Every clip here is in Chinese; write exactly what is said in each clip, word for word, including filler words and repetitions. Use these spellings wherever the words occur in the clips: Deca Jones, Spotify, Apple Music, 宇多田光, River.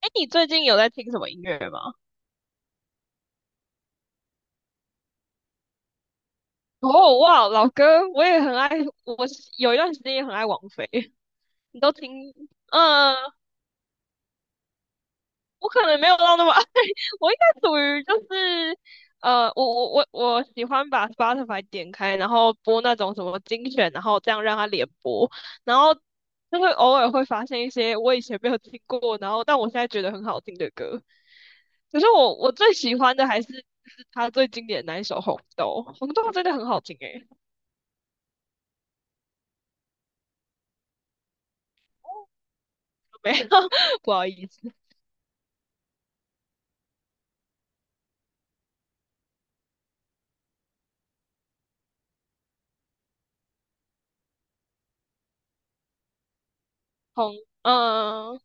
哎，你最近有在听什么音乐吗？哦，哇，老哥，我也很爱，我是有一段时间也很爱王菲。你都听？嗯，我可能没有到那么爱，我应该属于就是，呃，我我我我喜欢把 Spotify 点开，然后播那种什么精选，然后这样让它连播，然后就会偶尔会发现一些我以前没有听过，然后但我现在觉得很好听的歌。可是我我最喜欢的还是就是他最经典的那一首《红豆》，《红豆》真的很好听诶。没有，不好意思，红，嗯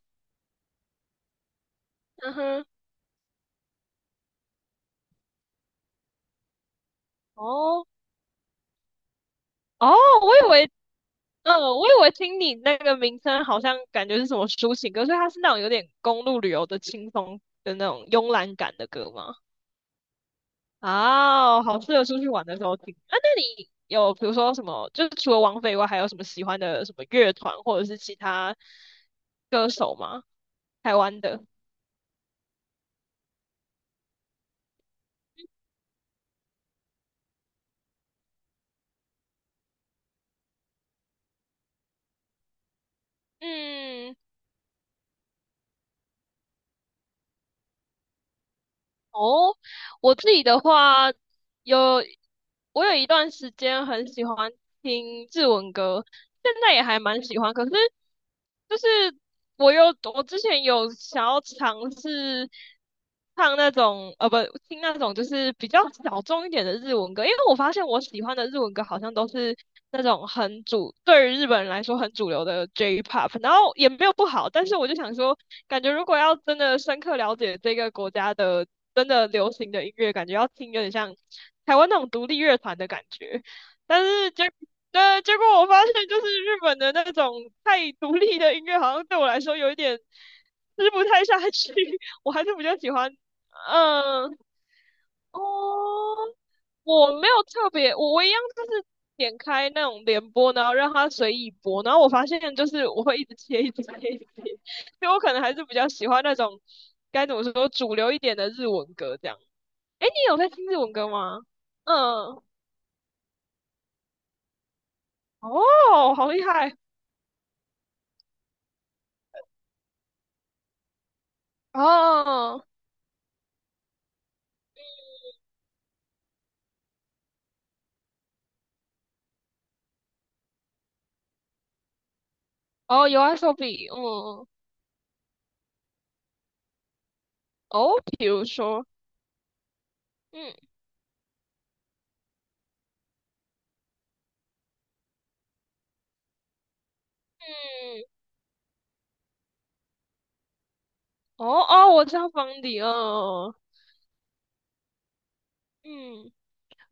嗯哼，哦哦，我以为，嗯，我以为听你那个名称好像感觉是什么抒情歌，所以它是那种有点公路旅游的轻松的那种慵懒感的歌吗？啊，好适合出去玩的时候听。啊，那你有比如说什么，就是除了王菲以外，还有什么喜欢的什么乐团或者是其他歌手吗？台湾的？嗯，哦，我自己的话，有我有一段时间很喜欢听日文歌，现在也还蛮喜欢。可是就是我有我之前有想要尝试唱那种呃不听那种就是比较小众一点的日文歌，因为我发现我喜欢的日文歌好像都是那种很主对于日本人来说很主流的 J-pop，然后也没有不好，但是我就想说。感觉如果要真的深刻了解这个国家的真的流行的音乐，感觉要听有点像台湾那种独立乐团的感觉。但是结呃，结果我发现就是日本的那种太独立的音乐，好像对我来说有一点吃不太下去。我还是比较喜欢，嗯、哦，我没有特别，我我一样就是点开那种联播，然后让它随意播，然后我发现就是我会一直切，一直切，一直切，所以我可能还是比较喜欢那种该怎么说主流一点的日文歌这样。诶，你有在听日文歌吗？嗯，哦，好厉害，哦哦有 s o b 嗯，哦，比如说，嗯嗯，哦哦，我知道方迪，嗯嗯。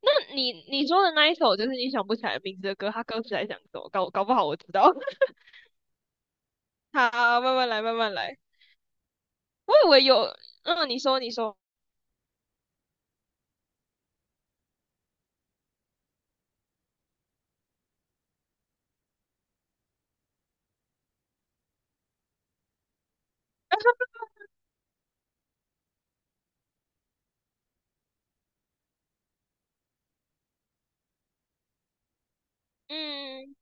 那你你说的那一首，就是你想不起来名字的歌，它歌词在讲什么？搞搞不好我知道。好，慢慢来，慢慢来。我以为有，嗯，你说，你说，嗯，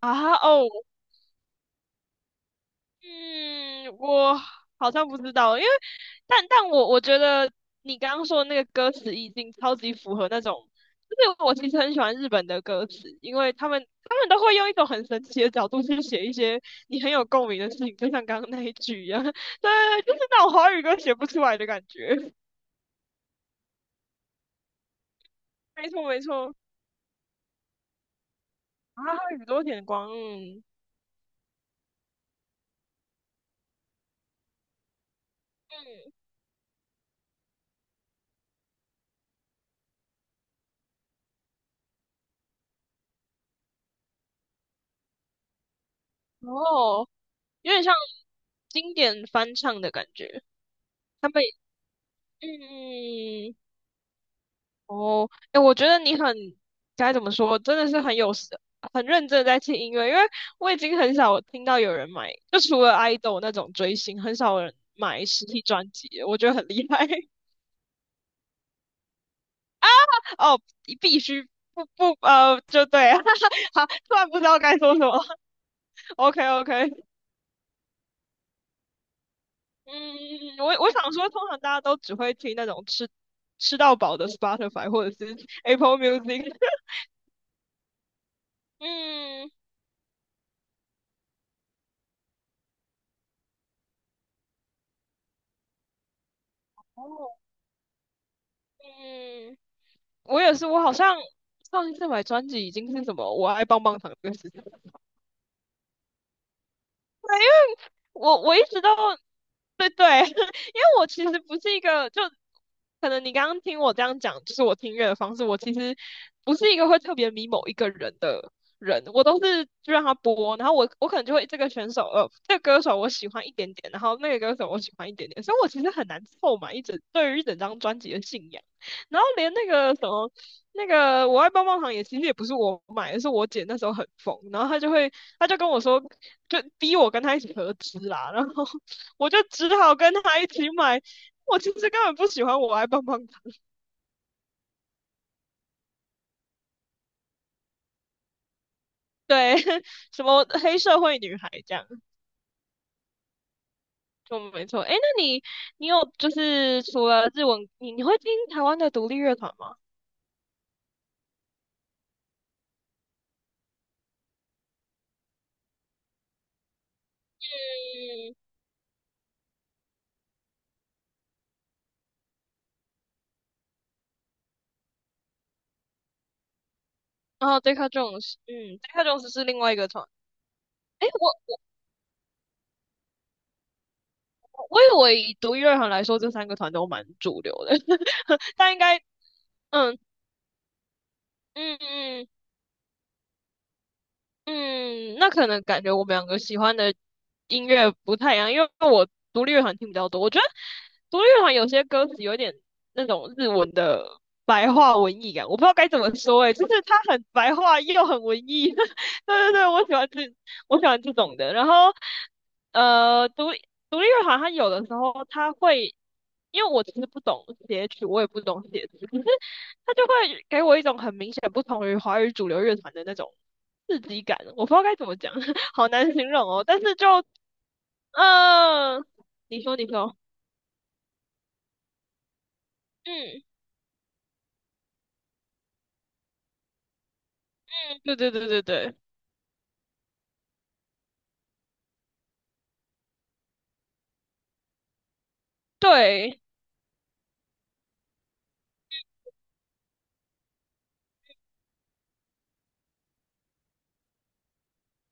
啊，哦，嗯，我好像不知道，因为但但我我觉得你刚刚说的那个歌词已经超级符合那种，就是我其实很喜欢日本的歌词，因为他们他们都会用一种很神奇的角度去写一些你很有共鸣的事情，就像刚刚那一句一样，对，就是那种华语歌写不出来的感觉。没错没错，啊，宇多田光，嗯嗯，哦，有点像经典翻唱的感觉，他们嗯。嗯嗯哦，哎，我觉得你很该怎么说，真的是很有时很认真地在听音乐，因为我已经很少听到有人买，就除了 idol 那种追星，很少人买实体专辑了我觉得很厉害 哦，你必须不不呃，就对，好，突然不知道该说什么 ，OK OK，嗯，嗯我我想说，通常大家都只会听那种吃吃到饱的 Spotify 或者是 Apple Music，嗯嗯。我也是，我好像上一次买专辑已经是什么"我爱棒棒糖"这个事情，我我一直都对对，因为我其实不是一个，就可能你刚刚听我这样讲，就是我听乐的方式，我其实不是一个会特别迷某一个人的人，我都是就让他播，然后我我可能就会这个选手呃，这个歌手我喜欢一点点，然后那个歌手我喜欢一点点，所以我其实很难凑满一整对于一整张专辑的信仰，然后连那个什么。那个我爱棒棒糖也其实也不是我买的，是我姐那时候很疯，然后她就会，她就跟我说，就逼我跟他一起合资啦，然后我就只好跟他一起买。我其实根本不喜欢我爱帮棒糖，对，什么黑社会女孩这样，就没错。哎，那你你有就是除了日文，你你会听台湾的独立乐团吗？嗯，然后 Deca Jones，嗯，Deca Jones 是另外一个团。哎，我我以为以独立乐团来说，这三个团都蛮主流的，但应该，嗯嗯嗯。嗯，那可能感觉我们两个喜欢的音乐不太一样，因为我独立乐团听比较多。我觉得独立乐团有些歌词有点那种日文的白话文艺感，我不知道该怎么说诶、就是它很白话又很文艺。对对对，我喜欢这我喜欢这种的。然后呃，独立独立乐团它有的时候它会，因为我其实不懂写曲，我也不懂写词，可是它就会给我一种很明显不同于华语主流乐团的那种。刺激感，我不知道该怎么讲，好难形容哦。但是就，嗯、你说，你说，嗯嗯，对对对对对对，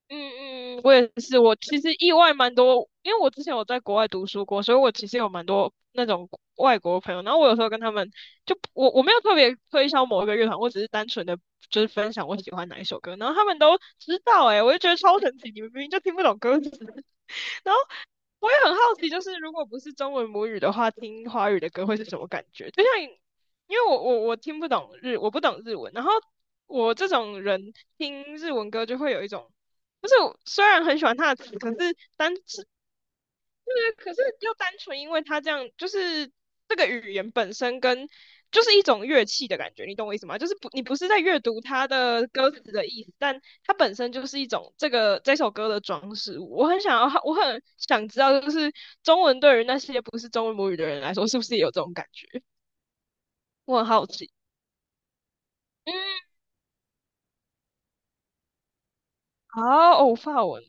嗯嗯，我也是，我其实意外蛮多，因为我之前有在国外读书过，所以我其实有蛮多那种外国朋友。然后我有时候跟他们，就我我没有特别推销某一个乐团，我只是单纯的就是分享我喜欢哪一首歌，然后他们都知道、欸，诶，我就觉得超神奇，你们明明就听不懂歌词。然后。我也很好奇，就是如果不是中文母语的话，听华语的歌会是什么感觉？就像你因为我我我听不懂日，我不懂日文，然后我这种人听日文歌就会有一种，就是我虽然很喜欢它的词，可是单对，可是又单纯因为它这样，就是这个语言本身跟就是一种乐器的感觉，你懂我意思吗？就是不，你不是在阅读它的歌词的意思，但它本身就是一种这个这首歌的装饰物。我很想要，我很想知道，就是中文对于那些不是中文母语的人来说，是不是也有这种感觉？我很好奇。嗯，好，哦，法文。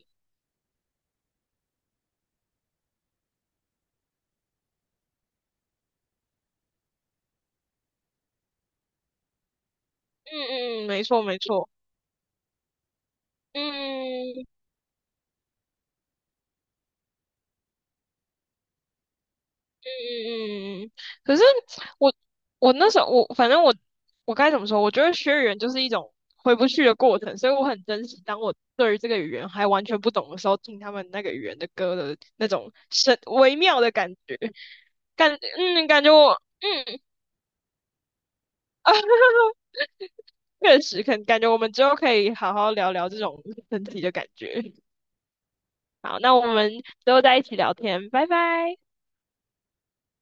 嗯嗯嗯，没错没错。嗯。嗯嗯嗯，嗯嗯可是我我那时候我反正我我该怎么说？我觉得学语言就是一种回不去的过程，所以我很珍惜当我对于这个语言还完全不懂的时候，听他们那个语言的歌的那种神微妙的感觉，感嗯感觉我嗯啊确实，可能感觉我们之后可以好好聊聊这种神体的感觉。好，那我们之后再一起聊天，拜拜。